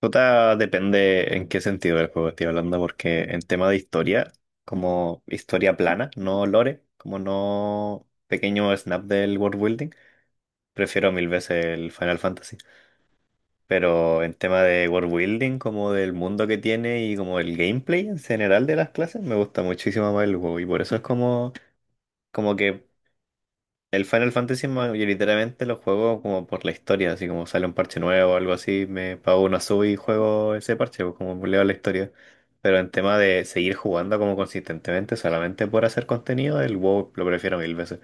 Tota, depende en qué sentido del juego estoy hablando, porque en tema de historia, como historia plana, no lore, como no pequeño snap del world building, prefiero mil veces el Final Fantasy. Pero en tema de world building, como del mundo que tiene y como el gameplay en general de las clases, me gusta muchísimo más el juego y por eso es como, como que el Final Fantasy mayoritariamente lo juego como por la historia, así como sale un parche nuevo o algo así, me pago una sub y juego ese parche, pues como leo la historia. Pero en tema de seguir jugando como consistentemente solamente por hacer contenido, el WoW lo prefiero mil veces.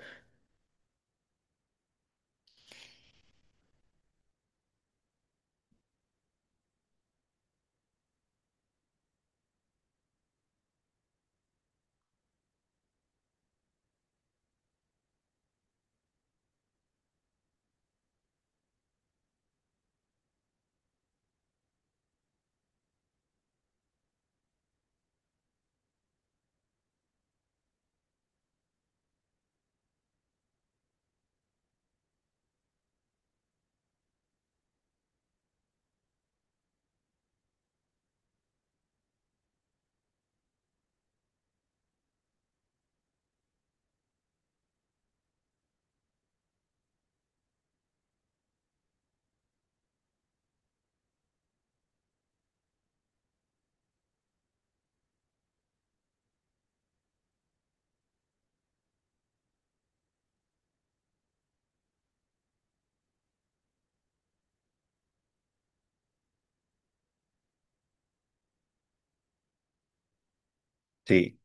Sí,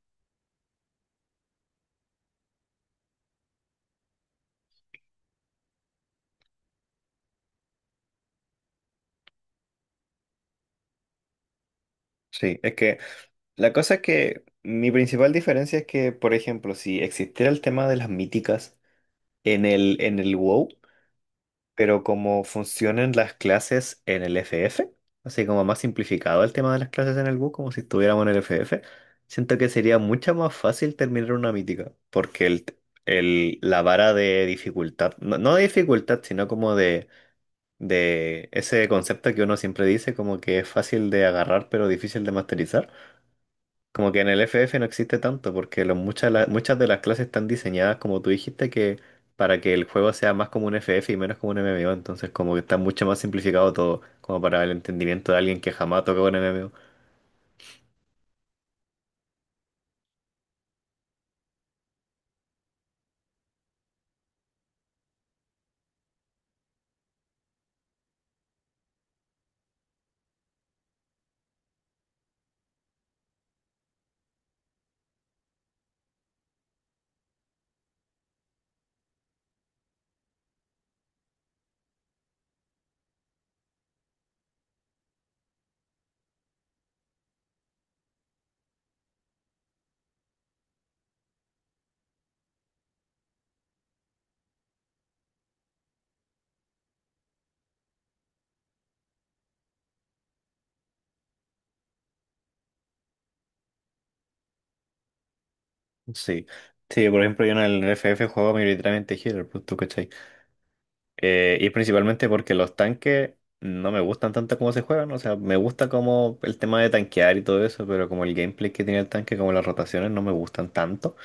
sí, es que la cosa es que mi principal diferencia es que, por ejemplo, si existiera el tema de las míticas en el WoW, pero como funcionan las clases en el FF, así como más simplificado el tema de las clases en el bus, como si estuviéramos en el FF, siento que sería mucho más fácil terminar una mítica, porque la vara de dificultad, no de dificultad, sino como de ese concepto que uno siempre dice, como que es fácil de agarrar pero difícil de masterizar. Como que en el FF no existe tanto, porque muchas de las clases están diseñadas, como tú dijiste, que para que el juego sea más como un FF y menos como un MMO, entonces como que está mucho más simplificado todo, como para el entendimiento de alguien que jamás tocó un MMO. Sí. Sí, por ejemplo, yo en el FF juego mayoritariamente healer, pues tú cachai. Y principalmente porque los tanques no me gustan tanto como se juegan, o sea, me gusta como el tema de tanquear y todo eso, pero como el gameplay que tiene el tanque, como las rotaciones no me gustan tanto.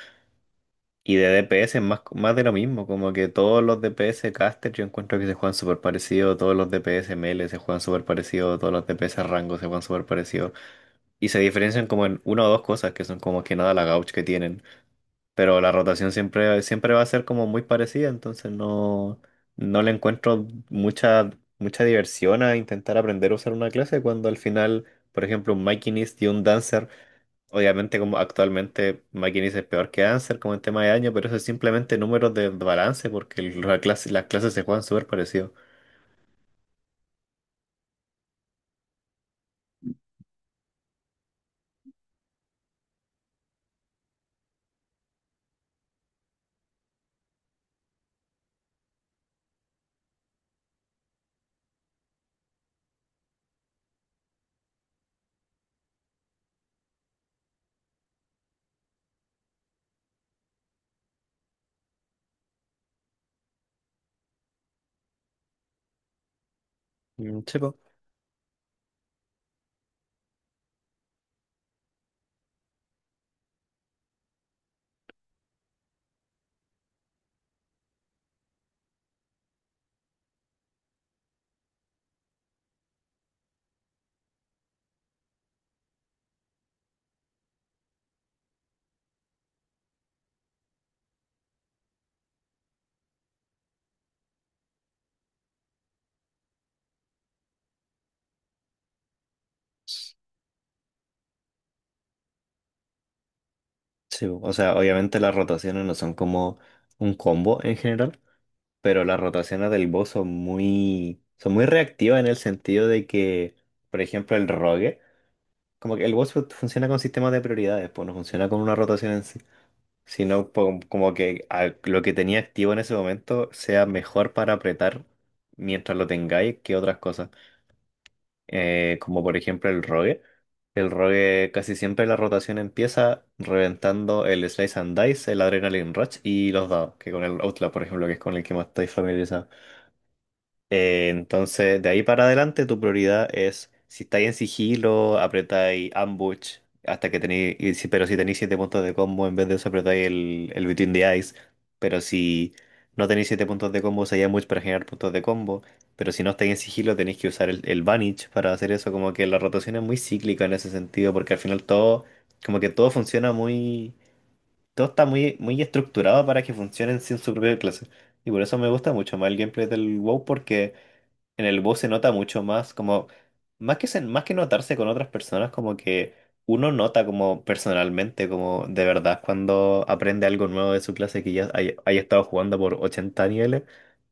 Y de DPS es más de lo mismo, como que todos los DPS caster yo encuentro que se juegan súper parecido, todos los DPS melee se juegan súper parecido, todos los DPS rango se juegan súper parecido. Y se diferencian como en una o dos cosas, que son como que nada la gauch que tienen. Pero la rotación siempre, siempre va a ser como muy parecida, entonces no le encuentro mucha diversión a intentar aprender a usar una clase cuando al final, por ejemplo, un Makinist y un Dancer. Obviamente, como actualmente McKinsey es peor que Answer como en tema de año, pero eso es simplemente números de balance porque las clases se juegan súper parecido. Mm, sí, po. Sí, po. O sea, obviamente las rotaciones no son como un combo en general, pero las rotaciones del boss son muy reactivas en el sentido de que, por ejemplo, el rogue, como que el boss funciona con sistemas de prioridades, pues no funciona con una rotación en sí. Sino como que lo que tenía activo en ese momento sea mejor para apretar mientras lo tengáis que otras cosas. Como por ejemplo el rogue. El rogue casi siempre la rotación empieza reventando el Slice and Dice, el Adrenaline Rush y los dados, que con el Outlast, por ejemplo, que es con el que más estáis familiarizado. Entonces, de ahí para adelante, tu prioridad es si estáis en sigilo, apretáis ambush hasta que tenéis. Pero si tenéis 7 puntos de combo, en vez de eso apretáis el Between the Eyes. Pero si no tenéis 7 puntos de combo, usáis ambush para generar puntos de combo. Pero si no estáis en sigilo, tenéis que usar el Vanish para hacer eso. Como que la rotación es muy cíclica en ese sentido, porque al final todo. Como que todo funciona muy. Todo está muy, muy estructurado para que funcionen sin su propia clase. Y por eso me gusta mucho más el gameplay del WoW, en el bus se nota mucho más, como, más que notarse con otras personas, como que uno nota como personalmente, como de verdad, cuando aprende algo nuevo de su clase que ya haya estado jugando por 80 niveles,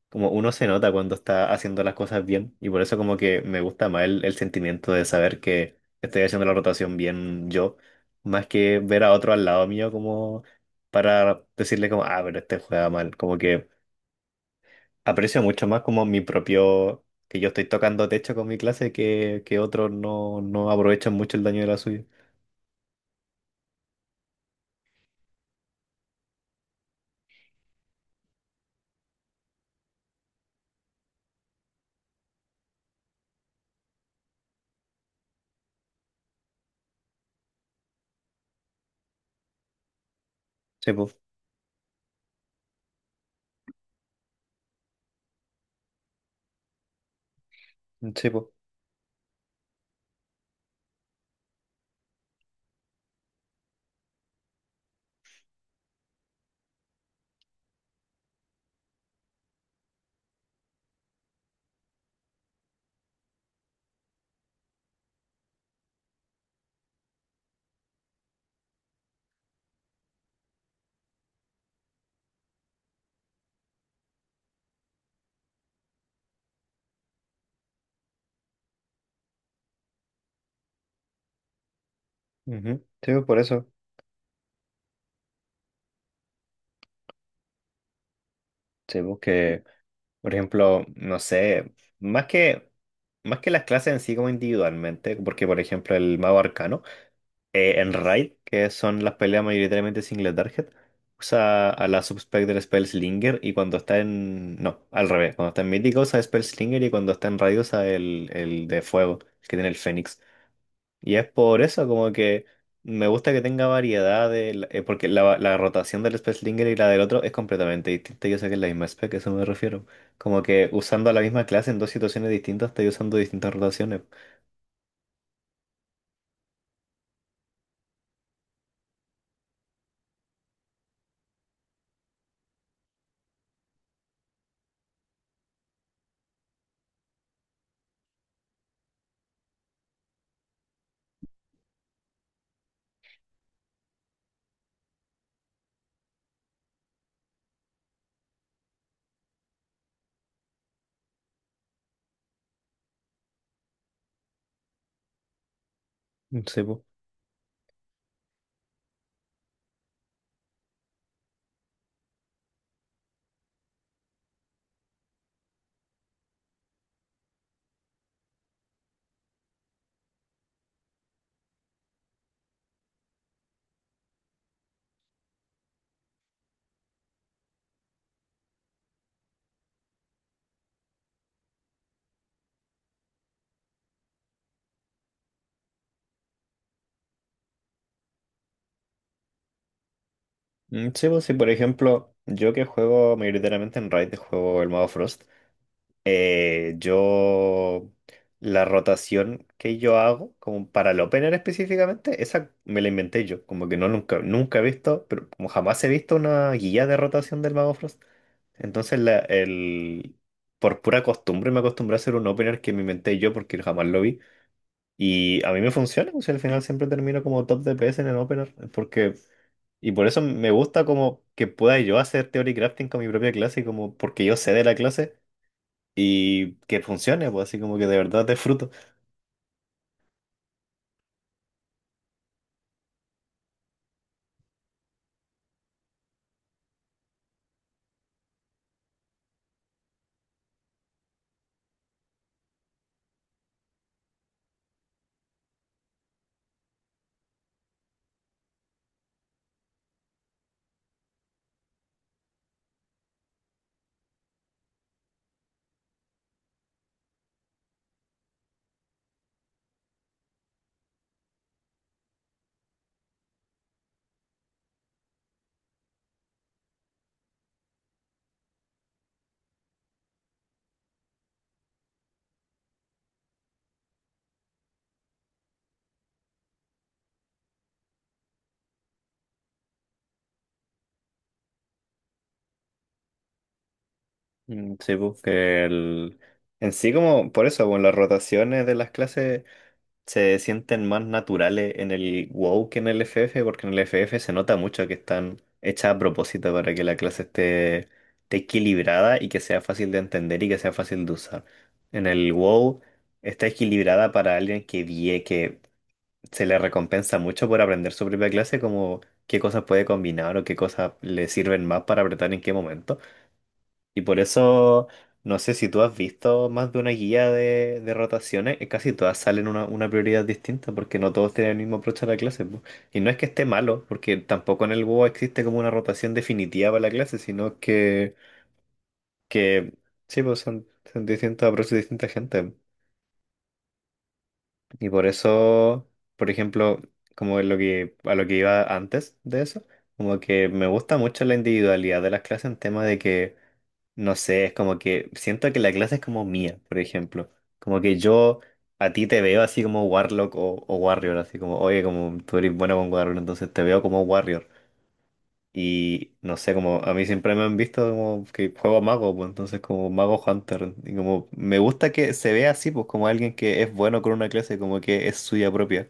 como uno se nota cuando está haciendo las cosas bien, y por eso como que me gusta más el sentimiento de saber que estoy haciendo la rotación bien yo, más que ver a otro al lado mío como para decirle como, ah, pero este juega mal, como que aprecio mucho más como mi propio, que yo estoy tocando techo con mi clase que otros no aprovechan mucho el daño de la suya. Sí, pues, sí, pues, ujú, sí, pues, por eso. Sí, pues que, por ejemplo, no sé, más que, más que las clases en sí como individualmente, porque por ejemplo el mago arcano. En Raid, que son las peleas mayoritariamente single target, usa a la subspec del Spellslinger y cuando está en... No, al revés. Cuando está en mítico usa Spellslinger y cuando está en Raid usa el de fuego, el que tiene el Fénix. Y es por eso como que me gusta que tenga variedad de... porque la rotación del Spellslinger y la del otro es completamente distinta. Yo sé que es la misma spec, a eso me refiero. Como que usando a la misma clase en dos situaciones distintas, estoy usando distintas rotaciones. Sí, po. Mm, sí, pues sí, por ejemplo, yo que juego mayoritariamente en Raid, juego el modo Frost, yo la rotación que yo hago, como para el opener específicamente, esa me la inventé yo, como que nunca he visto, pero como jamás he visto una guía de rotación del mago Frost. Entonces, por pura costumbre me acostumbré a hacer un opener que me inventé yo porque jamás lo vi. Y a mí me funciona, o sea, al final siempre termino como top DPS en el opener, porque... Y por eso me gusta como que pueda yo hacer theory crafting con mi propia clase, como porque yo sé de la clase y que funcione, pues así como que de verdad disfruto. Mm, sí, pues que el... En sí como, por eso, con las rotaciones de las clases se sienten más naturales en el WoW que en el FF, porque en el FF se nota mucho que están hechas a propósito para que la clase esté, esté equilibrada y que sea fácil de entender y que sea fácil de usar. En el WoW está equilibrada para alguien que vie, que se le recompensa mucho por aprender su propia clase, como qué cosas puede combinar o qué cosas le sirven más para apretar en qué momento. Y por eso, no sé si tú has visto más de una guía de rotaciones, casi todas salen una prioridad distinta porque no todos tienen el mismo approach a la clase. Po. Y no es que esté malo, porque tampoco en el WoW existe como una rotación definitiva para la clase, sino que sí, pues son distintos approaches de distinta gente. Y por eso, por ejemplo, como lo que, a lo que iba antes de eso, como que me gusta mucho la individualidad de las clases en tema de que, no sé, es como que siento que la clase es como mía, por ejemplo. Como que yo a ti te veo así como Warlock o Warrior, así como, oye, como tú eres bueno con Warrior, entonces te veo como Warrior. Y no sé, como a mí siempre me han visto como que juego mago, pues entonces como mago hunter. Y como me gusta que se vea así, pues como alguien que es bueno con una clase, como que es suya propia.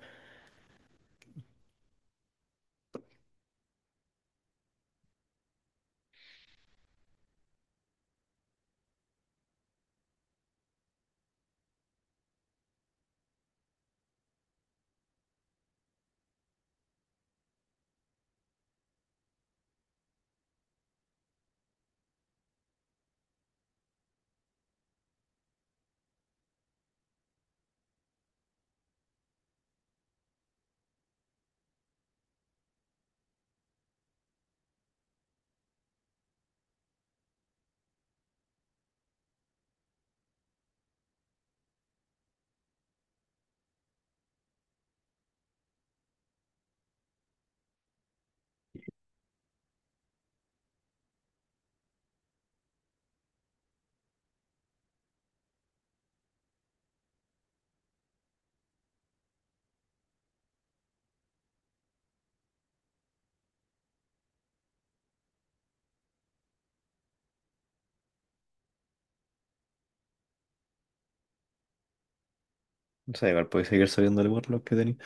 No sé, igual podéis seguir subiendo el warlock que tenía.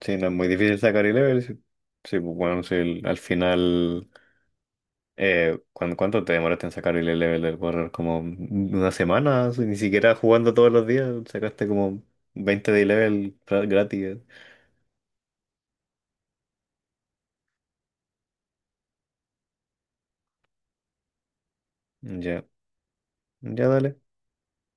Sí, no es muy difícil sacar el level. Sí, sí, pues bueno, sí, al final. ¿Cuánto te demoraste en sacar el level del warlock? Como una semana, así, ni siquiera jugando todos los días, sacaste como 20 de level gratis. Ya, ya dale.